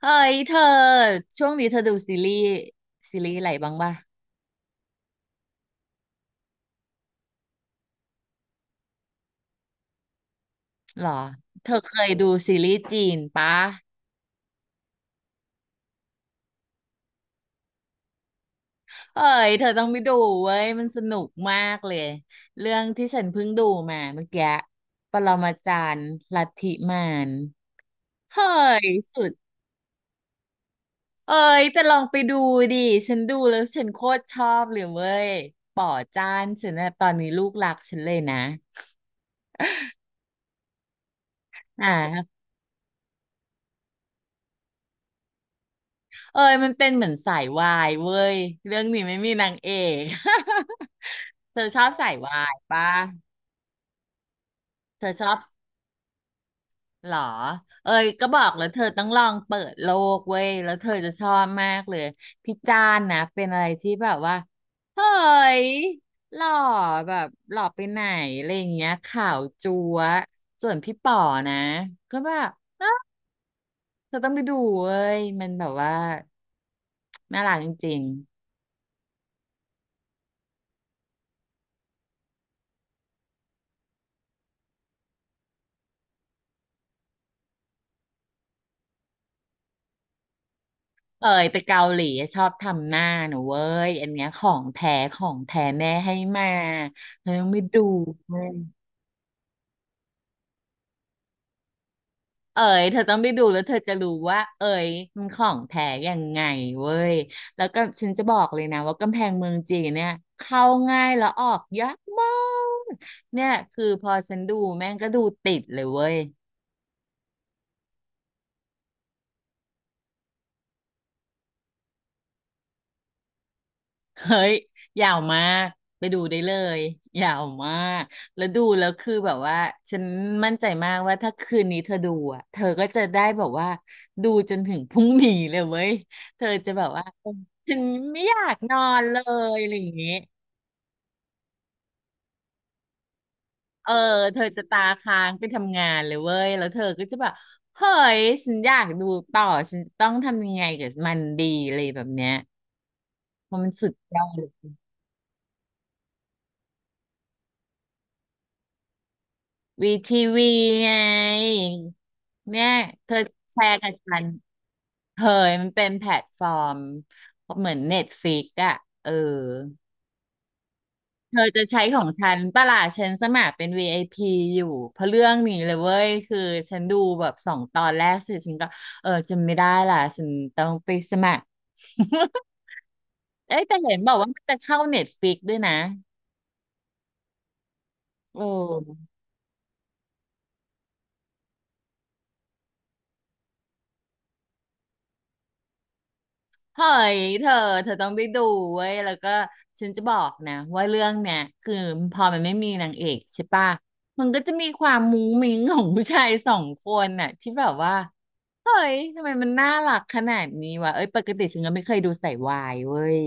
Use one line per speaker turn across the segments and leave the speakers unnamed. เฮ้ยเธอช่วงนี้เธอดูซีรีส์ซีรีส์อะไรบ้างป่ะหรอเธอเคยดูซีรีส์จีนปะเฮ้ยเธอต้องไปดูเว้ยมันสนุกมากเลยเรื่องที่ฉันเพิ่งดูมาเมื่อกี้ปรมาจารย์ลัทธิมารเฮ้ยสุดเอ้ยแต่ลองไปดูดิฉันดูแล้วฉันโคตรชอบเลยเว้ยป่อจ้านฉันนะตอนนี้ลูกรักฉันเลยนะอ่า เอยมันเป็นเหมือนสายวายเว้ยเรื่องนี้ไม่มีนางเอก เธอชอบสายวายป่ะเธอชอบเหรอเอยก็บอกแล้วเธอต้องลองเปิดโลกเว้ยแล้วเธอจะชอบมากเลยพี่จานนะเป็นอะไรที่แบบว่าเฮ้ยหล่อแบบหล่อไปไหนอะไรอย่างเงี้ยขาวจั๊วะส่วนพี่ป๋อนะก็แบบเธอต้องไปดูเว้ยมันแบบว่าน่ารักจริง เอยไปเกาหลีชอบทำหน้าหนูเว้ยอันเนี้ยของแท้ของแท้แม่ให้มาเธอต้องไปดูเว้ยเอ๋ยเธอต้องไปดูแล้วเธอจะรู้ว่าเอ๋ยมันของแท้ยังไงเว้ยแล้วก็ฉันจะบอกเลยนะว่ากำแพงเมืองจีนเนี่ยเข้าง่ายแล้วออกยากมากเนี่ยคือพอฉันดูแม่งก็ดูติดเลยเว้ย เฮ้ยยาวมากไปดูได้เลยยาวมากแล้วดูแล้วคือแบบว่าฉันมั่นใจมากว่าถ้าคืนนี้เธอดูอ่ะเธอก็จะได้แบบว่าดูจนถึงพรุ่งนี้เลยเว้ยเธอจะแบบว่าฉันไม่อยากนอนเลยอะไรอย่างงี้เออเธอจะตาค้างไปทำงานเลยเว้ยแล้วเธอก็จะแบบเฮ้ยฉันอยากดูต่อฉันจะต้องทำยังไงกับมันดีอะไรแบบเนี้ยเพราะมันสุดยอด วีทีวีไงเนี่ยเธอแชร์กับฉันเฮ้ยมันเป็นแพลตฟอร์มเหมือนเน็ตฟ i ิกอะเออเธอจะใช้ของฉันปะล่ะฉันสมัครเป็น VIP อพีอยู่เพราะเรื่องนี้เลยเว้ยคือฉันดูแบบสองตอนแรกเสร็จฉันก็เออจำไม่ได้ล่ะฉันต้องไปสมัคร เอ้ยแต่เห็นบอกว่ามันจะเข้าเน็ตฟ i ิกด้วยนะโอ้ เฮ้ยเธอเธอต้องไปดูเว้ยแล้วก็ฉันจะบอกนะว่าเรื่องเนี่ยคือพอมันไม่มีนางเอกใช่ปะมันก็จะมีความมุ้งมิ้งของผู้ชายสองคนน่ะที่แบบว่าเฮ้ยทำไมมันน่ารักขนาดนี้วะเอ้ยปกติฉันก็ไม่เคยดูใส่วายเว้ย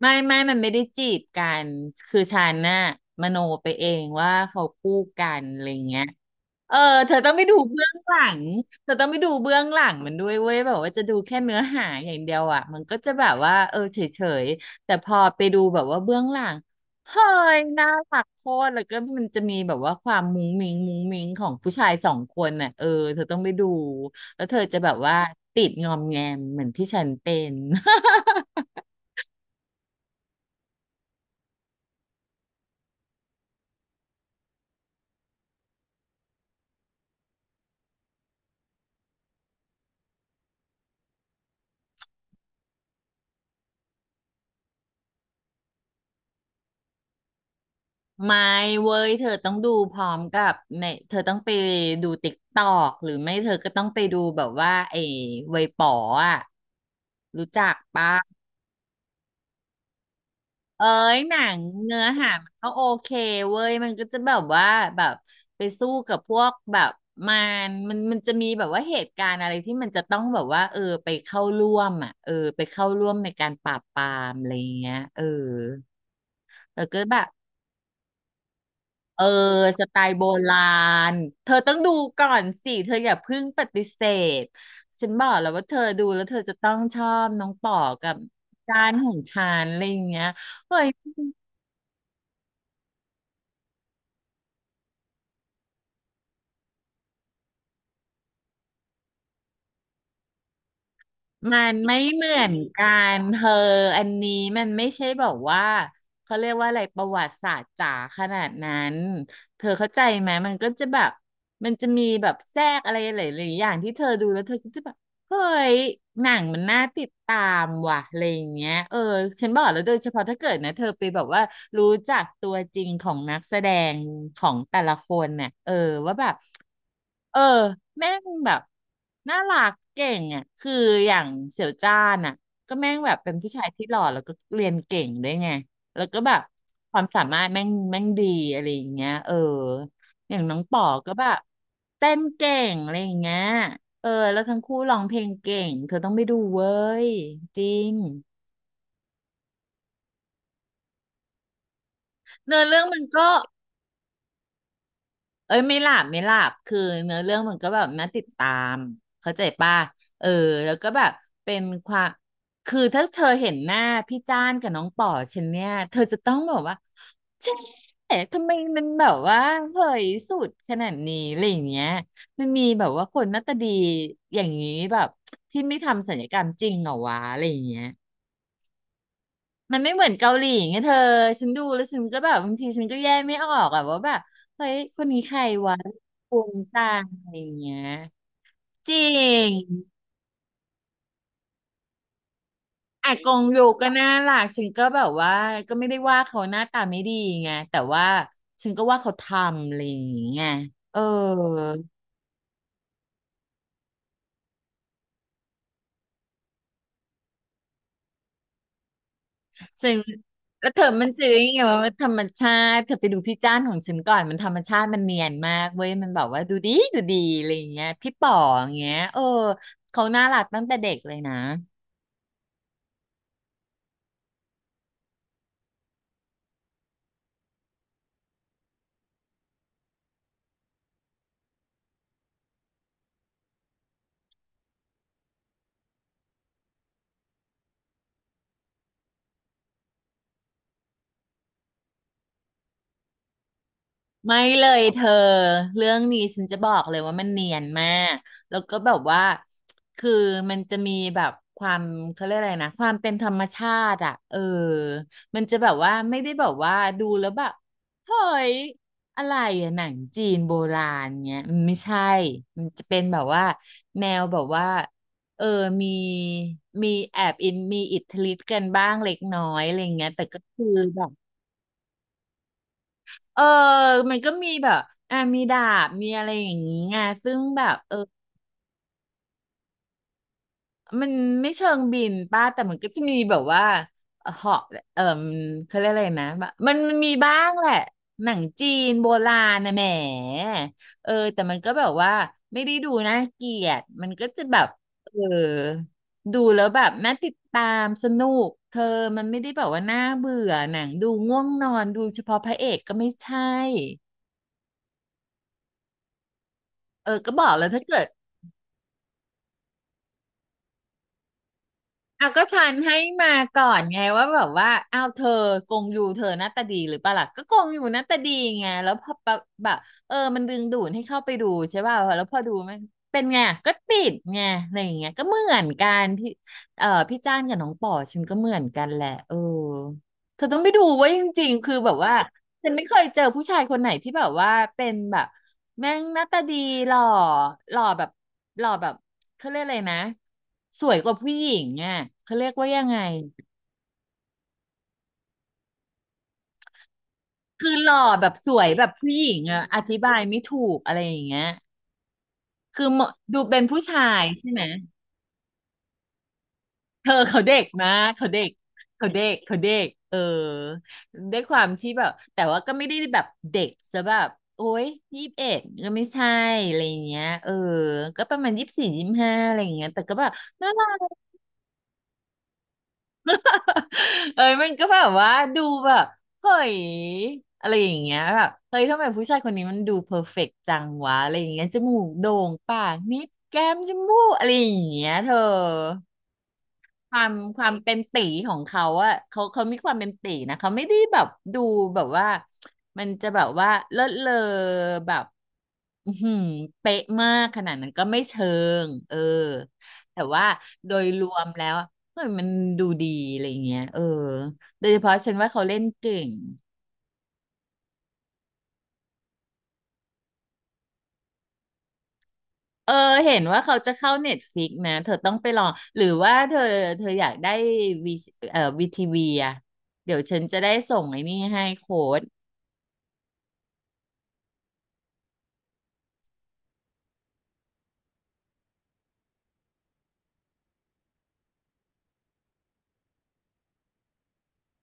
ไม่ไม่มันไม่ได้จีบกันคือฉันน่ะมโนไปเองว่าเขาคู่กันอะไรเงี้ย เออเธอต้องไปดูเบื้องหลังเธอต้องไปดูเบื้องหลังมันด้วยเว้ยแบบว่าจะดูแค่เนื้อหาอย่างเดียวอ่ะมันก็จะแบบว่าเออเฉยๆแต่พอไปดูแบบว่าเบื้องหลังเฮ้ยน่ารักโคตรแล้วก็มันจะมีแบบว่าความมุ้งมิ้งมุ้งมิ้งของผู้ชายสองคนน่ะเออเธอต้องไปดูแล้วเธอจะแบบว่าติดงอมแงมเหมือนที่ฉันเป็น ไม่เว้ยเธอต้องดูพร้อมกับในเธอต้องไปดูติ๊กตอกหรือไม่เธอก็ต้องไปดูแบบว่าไอ้เวยป๋ออ่ะรู้จักปะเอ้ยหนังเนื้อหามันก็โอเคเว้ยมันก็จะแบบว่าแบบไปสู้กับพวกแบบมัมันมันจะมีแบบว่าเหตุการณ์อะไรที่มันจะต้องแบบว่าเออไปเข้าร่วมอ่ะเออไปเข้าร่วมในการปราบปรามอะไรอย่างเงี้ยเออแล้วก็แบบ เออสไตล์โบราณเธอต้องดูก่อนสิเธออย่าเพิ่งปฏิเสธฉันบอกแล้วว่าเธอดูแล้วเธอจะต้องชอบน้องป๋อกับจานของฉันอะไรอย่างเงี้ยเฮ้ยมันไม่เหมือนกันเธออันนี้มันไม่ใช่บอกว่าเขาเรียกว่าอะไรประวัติศาสตร์จ๋าขนาดนั้นเธอเข้าใจไหมมันก็จะแบบมันจะมีแบบแทรกอะไรหลายๆอย่างที่เธอดูแล้วเธอก็จะแบบ เฮ้ยหนังมันน่าติดตามว่ะอะไรอย่างเงี้ยเออฉันบอกแล้วโดยเฉพาะถ้าเกิดนะเธอไปแบบว่ารู้จักตัวจริงของนักแสดงของแต่ละคนเนี่ยเออว่าแบบเออแม่งแบบน่ารักเก่งอ่ะคืออย่างเสี่ยวจ้านอ่ะก็แม่งแบบเป็นผู้ชายที่หล่อแล้วก็เรียนเก่งด้วยไงแล้วก็แบบความสามารถแม่งดีอะไรอย่างเงี้ยเอออย่างน้องป๋อก็แบบเต้นเก่งอะไรอย่างเงี้ย เออแล้วทั้งคู่ร้องเพลงเก่งเธอต้องไปดูเว้ยจริงเนื้อเรื่องมันก็เอ้ยไม่หลับไม่หลับคือเนื้อเรื่องมันก็แบบน่าติดตามเข้าใจป่ะเออแล้วก็แบบเป็นความคือถ้าเธอเห็นหน้าพี่จ้านกับน้องป๋อฉันเนี่ยเธอจะต้องแบบว่าเอ๊ะทำไมมันแบบว่าเผยสุดขนาดนี้อะไรอย่างเงี้ยมันมีแบบว่าคนหน้าตาดีอย่างนี้แบบที่ไม่ทำศัลยกรรมจริงเหรอวะอะไรอย่างเงี้ย มันไม่เหมือนเกาหลีไงเธอ ฉันดูแล้วฉันก็แบบบางทีฉันก็แยกไม่ออกอะว่าแบบเฮ้ยคนนี้ใครวะกงต่างอะไรอย่างเงี้ยจริงอากงอยู่ก็น่ารักฉันก็แบบว่าก็ไม่ได้ว่าเขาหน้าตาไม่ดีไงแต่ว่าฉันก็ว่าเขาทำอะไรอย่างเงี้ยเออ จึงแล้วเธอมันจื้อยังไงว่าธรรมชาติเธอไปดูพี่จ้านของฉันก่อน มันธรรมชาติมันเนียนมากเว้ยมันแบบว่าดูดีดูดีอะไรอย่างเงี้ยพี่ป๋ออย่างเงี้ยเออเขาน่ารักตั้งแต่เด็กเลยนะ ไม่เลยเธอเรื่องนี้ฉันจะบอกเลยว่ามันเนียนมากแล้วก็แบบว่าคือมันจะมีแบบความเขาเรียกอะไรนะความเป็นธรรมชาติอ่ะเออมันจะแบบว่าไม่ได้แบบว่าดูแล้วแบบเฮ้ยอะไรอะหนังจีนโบราณเงี้ยมันไม่ใช่มันจะเป็นแบบว่าแนวแบบว่าเออมีมีแอบอินมีอิทธิฤทธิ์กันบ้างเล็กน้อยอะไรเงี้ยแต่ก็คือแบบ เออมันก็มีแบบอ่ะมีดาบมีอะไรอย่างนี้ไงซึ่งแบบเออมันไม่เชิงบินป้าแต่มันก็จะมีแบบว่าเหาะเออมเขาเรียกอะไรนะแบบมันมีบ้างแหละหนังจีนโบราณนะแหมเออแต่มันก็แบบว่าไม่ได้ดูน่าเกลียดมันก็จะแบบเออดูแล้วแบบน่าติดตามสนุกเธอมันไม่ได้แบบว่าน่าเบื่อหนังดูง่วงนอนดูเฉพาะพระเอกก็ไม่ใช่เออก็บอกแล้วถ้าเกิด เอาก็ฉันให้มาก่อนไงว่าแบบว่าเอาเธอกงยูเธอหน้าตาดีหรือเปล่าล่ะก็กงยูหน้าตาดีไงแล้วพอแบบแบบเออมันดึงดูดให้เข้าไปดูใช่ป่ะแล้วพอดูมันเป็นไงก็ติดไงอะไรอย่างเงี้ยก็เหมือนกันพี่เออพี่จ้านกับน้องป่อฉันก็เหมือนกันแหละเออเธอต้องไปดูเว่าจริงๆคือแบบว่า ฉันไม่เคยเจอผู้ชายคนไหนที่แบบว่าเป็นแบบแม่งหน้าตาดีหล่อหล่อแบบหล่อแบบเขาเรียกอะไรนะสวยกว่าผู้หญิงอ่ะเขาเรียกว่ายังไงคือหล่อแบบสวยแบบผู้หญิงอ่ะอธิบายไม่ถูกอะไรอย่างเงี้ยคือเหมาะดูเป็นผู้ชายใช่ไหม เธอเขาเด็กนะเขาเด็กเขาเด็กเขาเด็กเออด้วยความที่แบบแต่ว่าก็ไม่ได้แบบเด็กซะแบบโอ๊ย21ก็ไม่ใช่อะไรอย่างเงี้ยเออก็ประมาณ24-25อะไรอย่างเงี้ยแต่ก็แบบน่ารักเอ้ยมันก็แบบว่าดูแบบเฮ้ยอะไรอย่างเงี้ยแบบเฮ้ยทำไมผู้ชายคนนี้มันดูเพอร์เฟกต์จังวะอะไรอย่างเงี้ยจมูกโด่งปากนิดแก้มจมูกอะไรอย่างเงี้ยเธอ ความความเป็นตีของเขาอะเขามีความเป็นตีนะ เขาไม่ได้แบบดูแบบว่ามันจะแบบว่าเลิศเลอแบบอื้อหือเป๊ะมากขนาดนั้นก็ไม่เชิงเออแต่ว่าโดยรวมแล้วอะเฮ้ยมันดูดีอะไรเงี้ยเออโดยเฉพาะฉันว่าเขาเล่นเก่งเออเห็นว่าเขาจะเข้าเน็ตฟิกนะเธอต้องไปลองหรือว่าเธอเธออยากได้วีวีทีวีอะเดี๋ยวฉันจะได้ส่งไอ้นี่ให้โค้ด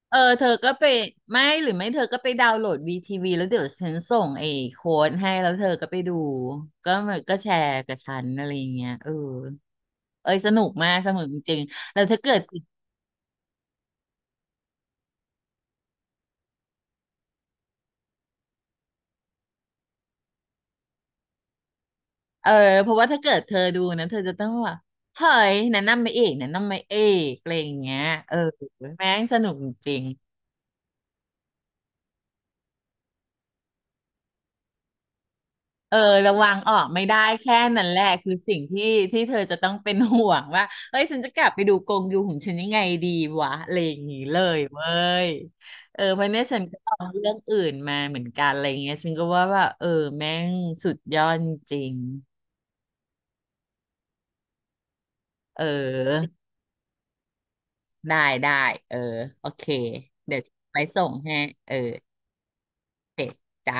เออเธอก็ไปไม่หรือไม่เธอก็ไปดาวน์โหลดวีทีวีแล้วเดี๋ยวฉันส่งไอ้โค้ดให้แล้วเธอก็ไปดูก็มันก็แชร์กับฉันอะไรอย่างเงี้ยเออเอ้ยสนุกมากสนุกจริงๆแล้วถ้าเกิดเออเพราะว่าถ้าเกิดเธอดูนะเธอจะต้องว่าเฮ้ยแนะนำมาเอกแนะนำมาเอกอะไรอย่างเงี้ยเออแม่งสนุกจริง เออระวังออกไม่ได้แค่นั้นแหละคือสิ่งที่ที่เธอจะต้องเป็นห่วงว่าเฮ้ยฉันจะกลับไปดูกงยูของฉันยังไงดีวะอะไรอย่างงี้เลยเว้ยเออเพราะเนี่ยฉันก็ลองเรื่องอื่นมาเหมือนกันอะไรเงี้ยฉันก็ว่าเออแม่งสุดยอดจริงเออได้ได้เออโอเคเดี๋ยวไปส่งให้เออเสร็จจ้า